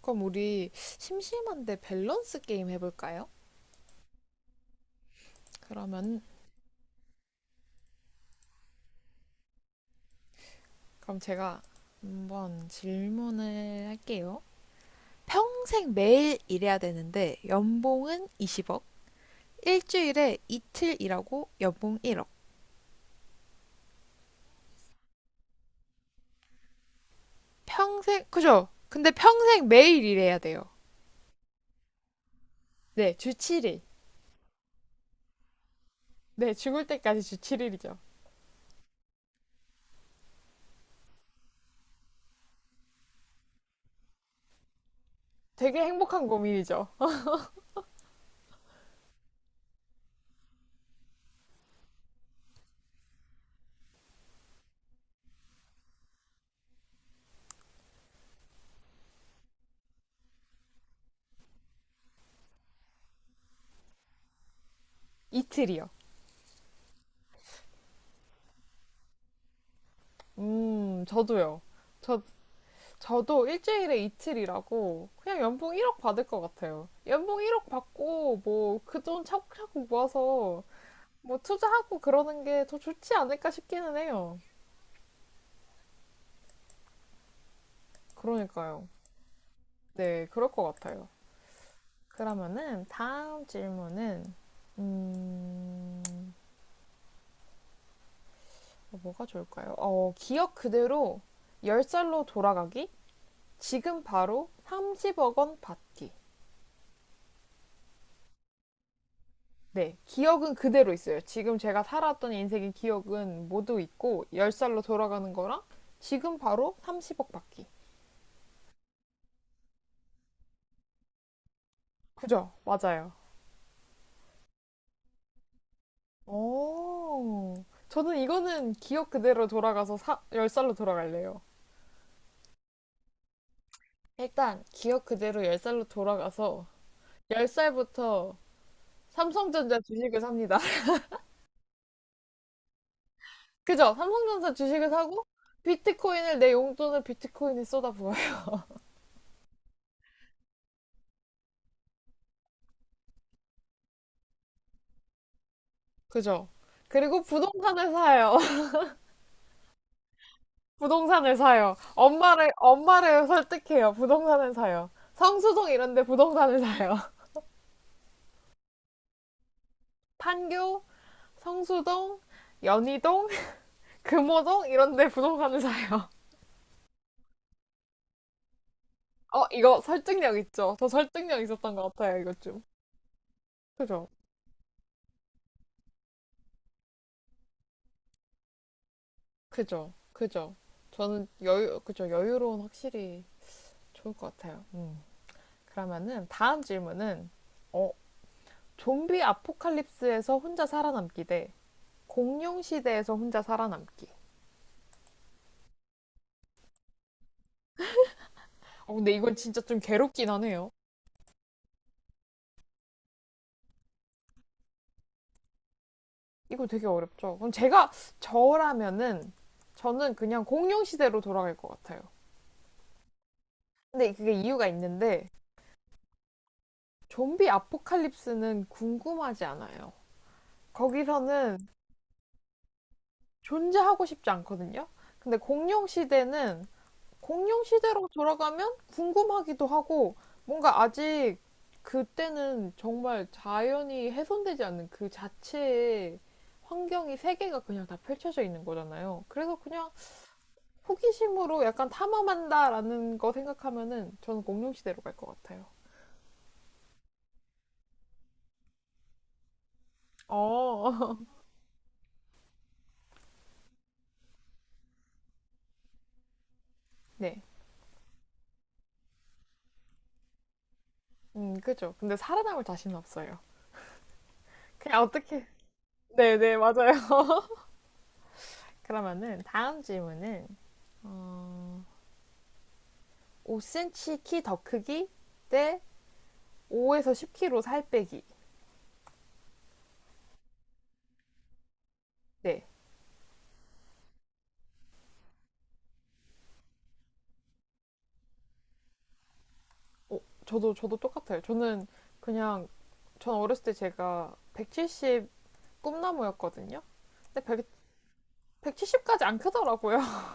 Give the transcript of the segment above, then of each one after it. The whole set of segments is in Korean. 그럼 우리 심심한데 밸런스 게임 해볼까요? 그러면 그럼 제가 한번 질문을 할게요. 평생 매일 일해야 되는데 연봉은 20억, 일주일에 이틀 일하고 연봉 1억. 평생 그죠? 근데 평생 매일 일해야 돼요. 네, 주 7일. 네, 죽을 때까지 주 7일이죠. 되게 행복한 고민이죠. 이틀이요. 저도요. 저 저도 일주일에 이틀이라고 그냥 연봉 1억 받을 것 같아요. 연봉 1억 받고 뭐 그 돈 차곡차곡 모아서 뭐 투자하고 그러는 게 더 좋지 않을까 싶기는 해요. 그러니까요. 네, 그럴 것 같아요. 그러면은 다음 질문은 음, 뭐가 좋을까요? 기억 그대로 10살로 돌아가기? 지금 바로 30억 원 받기. 네, 기억은 그대로 있어요. 지금 제가 살았던 인생의 기억은 모두 있고, 10살로 돌아가는 거랑 지금 바로 30억 받기. 그죠? 맞아요. 오, 저는 이거는 기억 그대로 돌아가서 10살로 돌아갈래요. 일단, 기억 그대로 10살로 돌아가서 10살부터 삼성전자 주식을 삽니다. 그죠? 삼성전자 주식을 사고, 비트코인을 내 용돈을 비트코인에 쏟아부어요. 그죠? 그리고 부동산을 사요. 부동산을 사요. 엄마를, 설득해요. 부동산을 사요. 성수동 이런데 부동산을 사요. 판교, 성수동, 연희동, 금호동 이런데 부동산을 사요. 어, 이거 설득력 있죠? 저 설득력 있었던 것 같아요, 이것 좀. 그죠? 그죠? 그죠? 저는 여유, 그죠? 여유로운 확실히 좋을 것 같아요. 음. 그러면은 다음 질문은, 어, 좀비 아포칼립스에서 혼자 살아남기 대 공룡 시대에서 혼자 살아남기. 어, 근데 이건 진짜 좀 괴롭긴 하네요. 이거 되게 어렵죠. 그럼 제가 저라면은 저는 그냥 공룡 시대로 돌아갈 것 같아요. 근데 그게 이유가 있는데 좀비 아포칼립스는 궁금하지 않아요. 거기서는 존재하고 싶지 않거든요. 근데 공룡 시대로 돌아가면 궁금하기도 하고 뭔가 아직 그때는 정말 자연이 훼손되지 않는 그 자체의 환경이 세계가 그냥 다 펼쳐져 있는 거잖아요. 그래서 그냥 호기심으로 약간 탐험한다라는 거 생각하면은 저는 공룡 시대로 갈 것 같아요. 어, 네, 그죠. 근데 살아남을 자신은 없어요. 그냥 어떻게? 네, 네, 맞아요. 그러면은 다음 질문은 어, 5cm 키 더 크기 대 5에서 10kg 살 빼기. 네. 어, 저도 저도 똑같아요. 저는 그냥 전 어렸을 때 제가 170 꿈나무였거든요. 근데 1칠십7 0까지 안 크더라고요.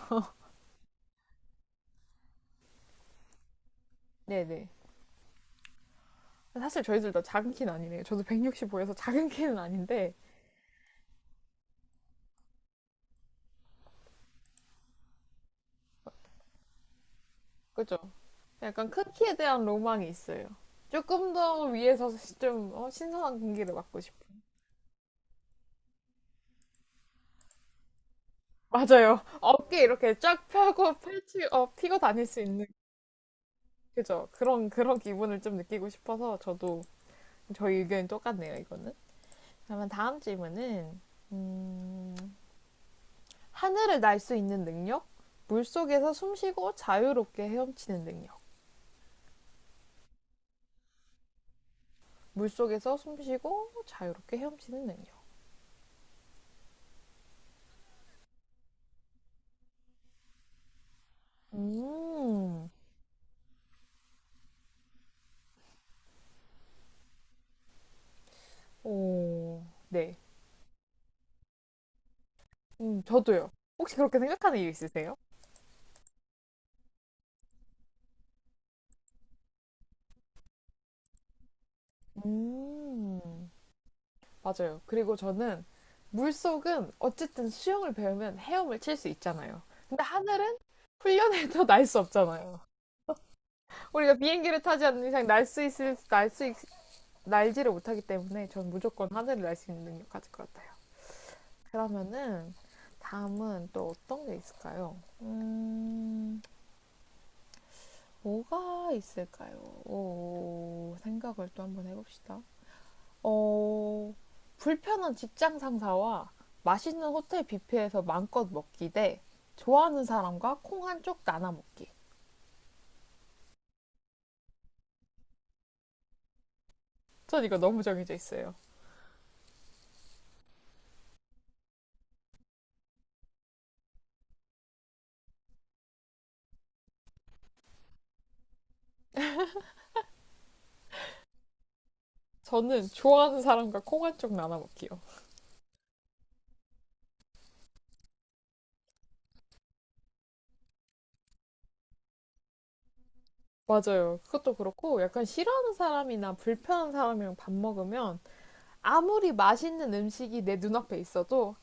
네네. 사실 저희들 다 작은 키는 아니네요. 저도 165여서 작은 키는 아닌데 그죠? 약간 큰 키에 대한 로망이 있어요. 조금 더 위에서 좀 어, 신선한 공기를 맡고 싶은. 맞아요. 어깨 이렇게 쫙 펴고 피고 다닐 수 있는 그죠? 그런 기분을 좀 느끼고 싶어서 저도 저희 의견이 똑같네요, 이거는. 그러면 다음 질문은, 음, 하늘을 날 수 있는 능력? 물 속에서 숨 쉬고 자유롭게 헤엄치는 능력. 물 속에서 숨 쉬고 자유롭게 헤엄치는 능력. 음, 오, 네. 저도요. 혹시 그렇게 생각하는 이유 있으세요? 음, 맞아요. 그리고 저는 물속은 어쨌든 수영을 배우면 헤엄을 칠 수 있잖아요. 근데 하늘은 훈련해도 날 수 없잖아요. 우리가 비행기를 타지 않는 이상 날 수 있을 날 수 날지를 못하기 때문에 전 무조건 하늘을 날 수 있는 능력 가질 것 같아요. 그러면은 다음은 또 어떤 게 있을까요? 뭐가 있을까요? 오, 생각을 또 한번 해봅시다. 어, 불편한 직장 상사와 맛있는 호텔 뷔페에서 마음껏 먹기 대 좋아하는 사람과 콩 한쪽 나눠 먹기. 전 이거 너무 정해져 있어요. 저는 좋아하는 사람과 콩 한쪽 나눠 먹기요. 맞아요. 그것도 그렇고 약간 싫어하는 사람이나 불편한 사람이랑 밥 먹으면 아무리 맛있는 음식이 내 눈앞에 있어도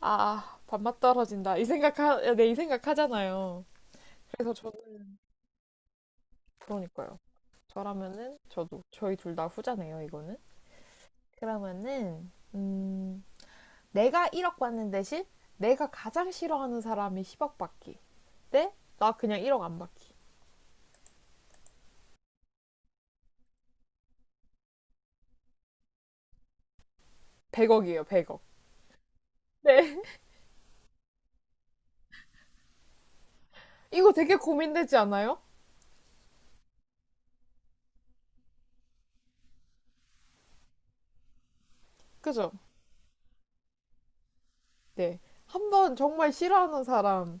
아, 밥맛 떨어진다. 네, 이 생각하잖아요. 그래서 저는 그러니까요. 저라면은 저도 저희 둘 다 후자네요, 이거는. 그러면은 내가 1억 받는 대신 내가 가장 싫어하는 사람이 10억 받기. 네? 나 그냥 1억 안 받기. 100억이에요, 100억. 네. 이거 되게 고민되지 않아요? 그죠? 네. 한번 정말 싫어하는 사람을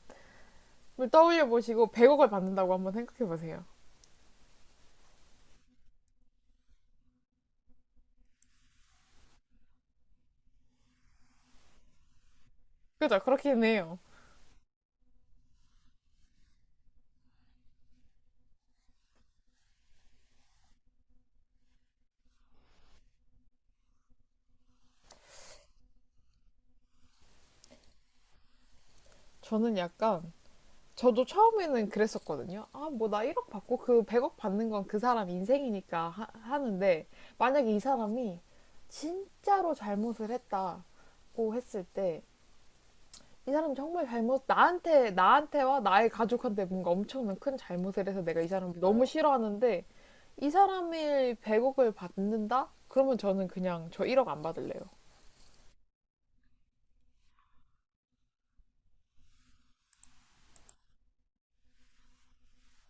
떠올려 보시고 100억을 받는다고 한번 생각해 보세요. 그죠? 그렇긴 해요. 저는 약간, 저도 처음에는 그랬었거든요. 아, 뭐 나 1억 받고 그 100억 받는 건 그 사람 인생이니까 하는데, 만약에 이 사람이 진짜로 잘못을 했다고 했을 때, 이 사람 정말 잘못, 나한테와 나의 가족한테 뭔가 엄청난 큰 잘못을 해서 내가 이 사람을 너무 싫어하는데, 이 사람일 100억을 받는다? 그러면 저는 그냥 저 1억 안 받을래요.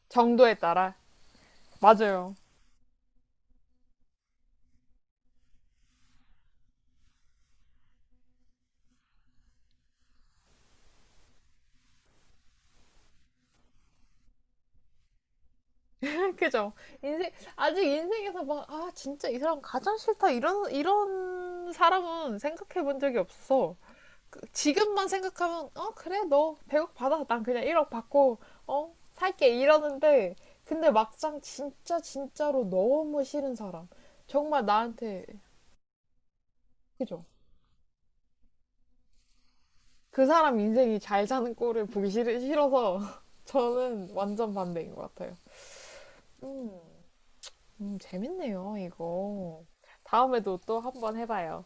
정도에 따라. 맞아요. 그죠? 인생, 아직 인생에서 막, 아, 진짜 이 사람 가장 싫다. 이런 사람은 생각해 본 적이 없어. 그, 지금만 생각하면, 어, 그래, 너 100억 받아. 난 그냥 1억 받고, 어, 살게. 이러는데, 근데 막상 진짜로 너무 싫은 사람. 정말 나한테, 그죠? 그 사람 인생이 잘 사는 꼴을 보기 싫어서 저는 완전 반대인 것 같아요. 음. 재밌네요, 이거. 다음에도 또 한번 해봐요.